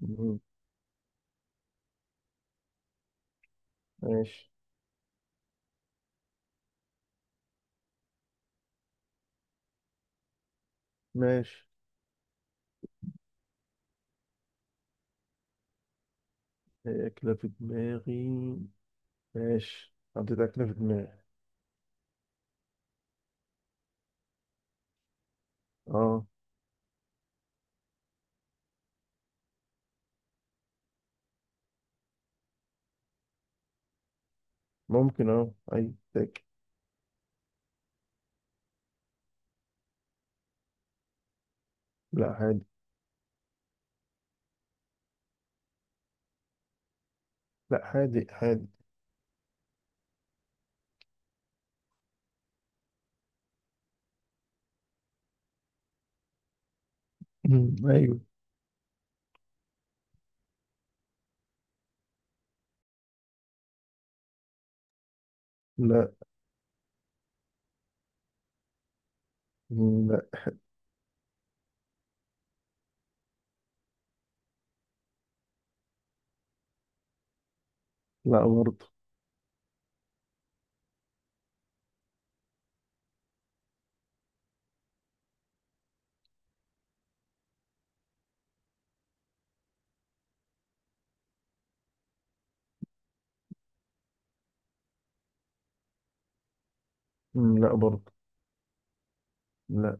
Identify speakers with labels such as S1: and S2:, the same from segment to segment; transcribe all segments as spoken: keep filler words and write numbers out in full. S1: مم. ماشي، ماشي. هي أكلة في دماغي. ماشي، حطيت أكلة في دماغي. اه، ممكن اه أي تاكل. لا حادق. لا، حادق حادق. مم. أيوه. لا. مم. لا. لا برضه. مم. لا برضه. لا.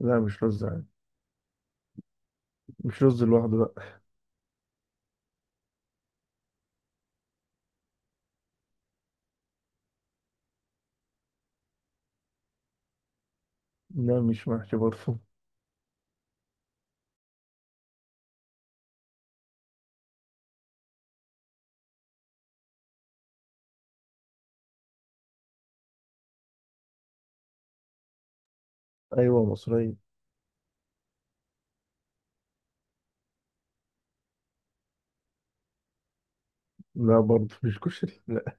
S1: لا مش رز عادي، مش رز لوحده، لا. لا مش محشي برضه. أيوه مصرية. لا برضه مش كشري، لا.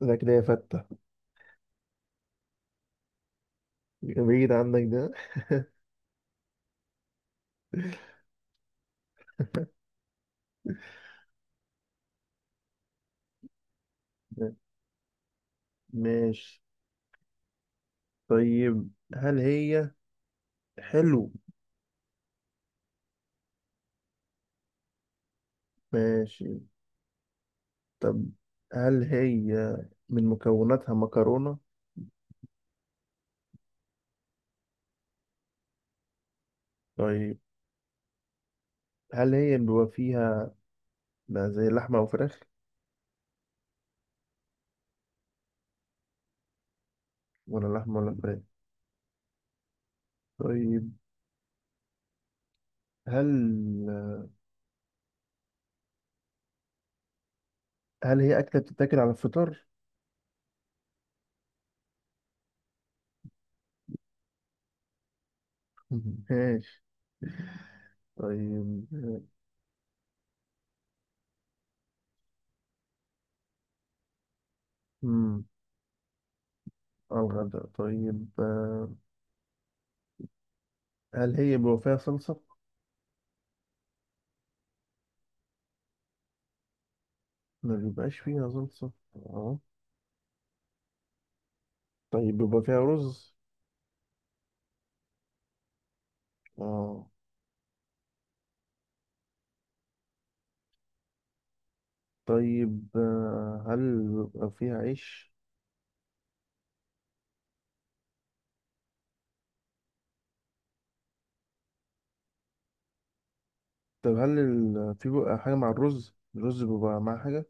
S1: لا، كده يا فتة. بعيد عنك ده. ماشي. طيب هل هي حلو؟ ماشي. طب هل هي من مكوناتها مكرونة؟ طيب هل هي بيبقى فيها بقى زي لحمة أو فراخ؟ ولا لحمة ولا فراخ؟ طيب، هل هل هي أكلة بتتاكل على الفطار؟ ماشي. طيب امم على الغداء. طيب، آه، هل هي بيبقى فيها صلصة؟ ما بيبقاش فيها صلصة، اه. طيب، بيبقى فيها رز؟ اه. طيب، آه، هل بيبقى فيها عيش؟ طب هل ال... في بقى حاجة مع الرز؟ الرز بيبقى مع حاجة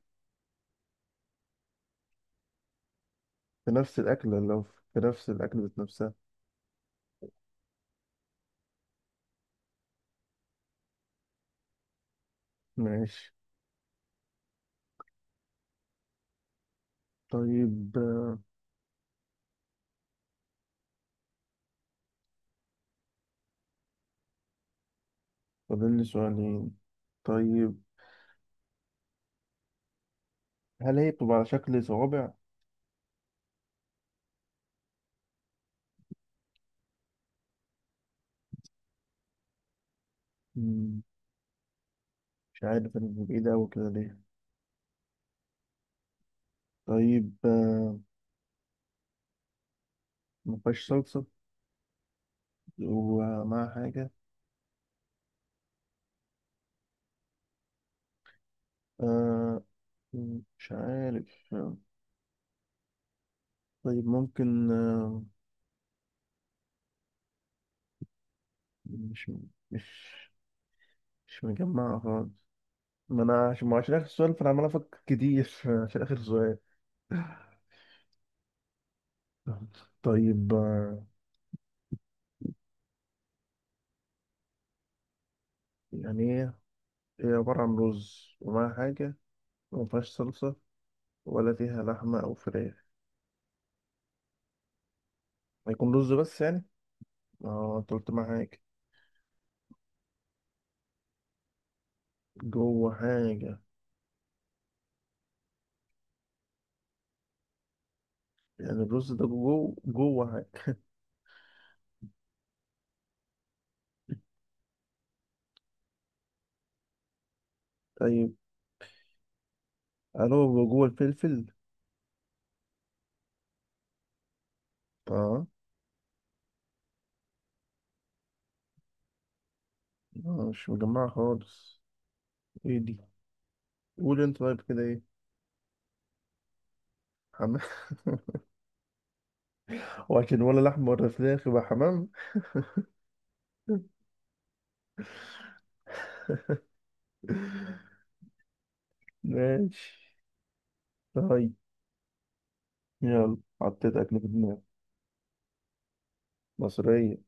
S1: في نفس الأكل، لو في نفس الأكل ذات نفسها. ماشي. طيب، آه، فاضل لي سؤالين. طيب هل هي بتبقى على شكل صوابع؟ مم، مش عارف أنا بعيد أوي كده ليه. طيب، آه، ما فيهاش صلصة ومع حاجة. آه، مم، مش عارف. آه، طيب ممكن. آه، مش مش مش مجمعة خالص. ما أنا عشان ما هو عشان آخر سؤال، فأنا عمال أفكر كتير عشان آخر سؤال. طيب، آه، يعني ايه، هي عبارة عن رز ومعاها حاجة، وما فيهاش صلصة، ولا فيها لحمة أو فراخ. هيكون رز بس يعني؟ اه، أنت قلت معاها حاجة. جوه حاجة. يعني الرز ده جوه جوه حاجة. طيب هل هو جوه الفلفل؟ اه. آه، مش مجمعة خالص. ايه دي؟ قول انت، طيب كده ايه؟ حمام. وعشان ولا لحمة ولا فراخ يبقى حمام. ماشي. طيب، يلا حطيت أكل في دماغي. مصرية.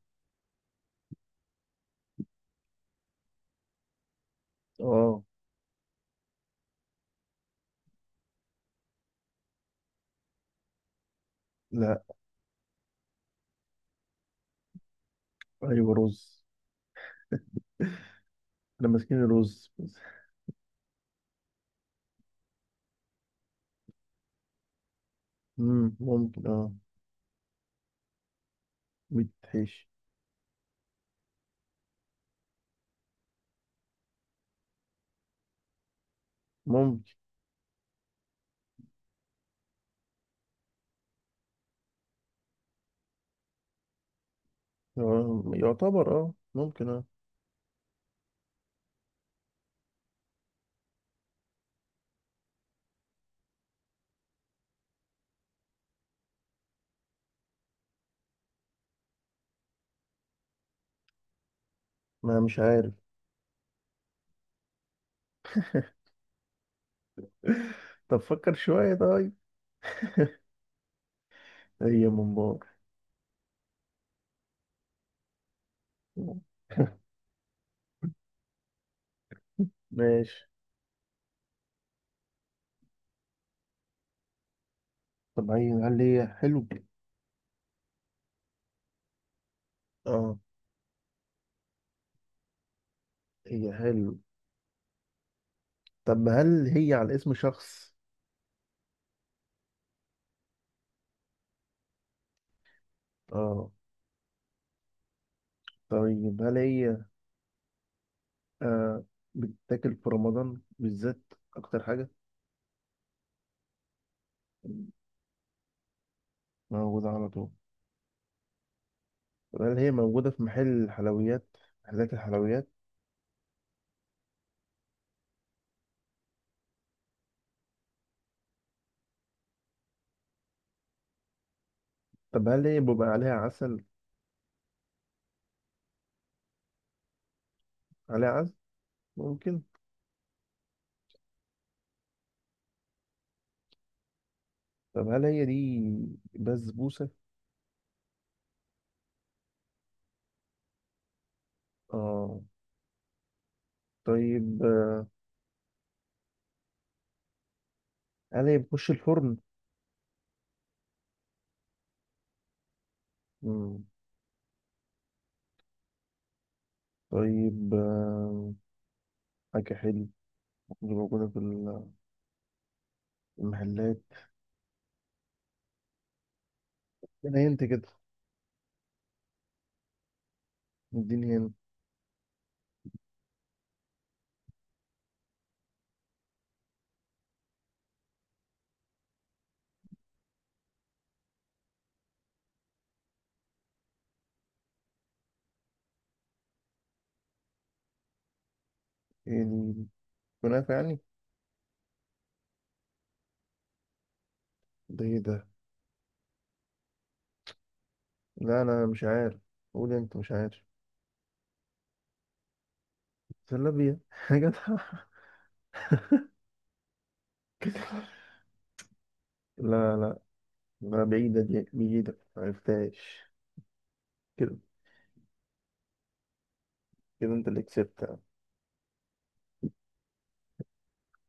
S1: اه. لا. ايوه رز. احنا ماسكين الرز بس. مم. ممكن، اه. بتحيش. ممكن. آه، يعتبر، اه ممكن، اه. ما مش عارف. طب فكر شوية، طيب. هي ممبار. ماشي. طب هي، هل هي حلو؟ اه، هي حلو. طب هل هي على اسم شخص؟ اه. طيب هل هي آه بتتاكل في رمضان بالذات أكتر حاجة؟ موجودة على طول. طب هل هي موجودة في محل الحلويات محلات الحلويات. طب هل هي بيبقى عليها عسل؟ عليها عسل ممكن. طب هل هي دي بسبوسة؟ اه. طيب، آه، هل هي بتخش الفرن؟ مم. طيب، آه، حاجة حلوة دي موجودة في ال- المحلات. انا، انت كده. اديني هنا. ايه دي، كنافة يعني؟ ده ايه ده؟ لا انا مش عارف. قول انت، مش عارف. زلابية. حاجة. لا، لا، لا، بعيدة، دي بعيدة معرفتهاش. كده. كده انت اللي كسبت.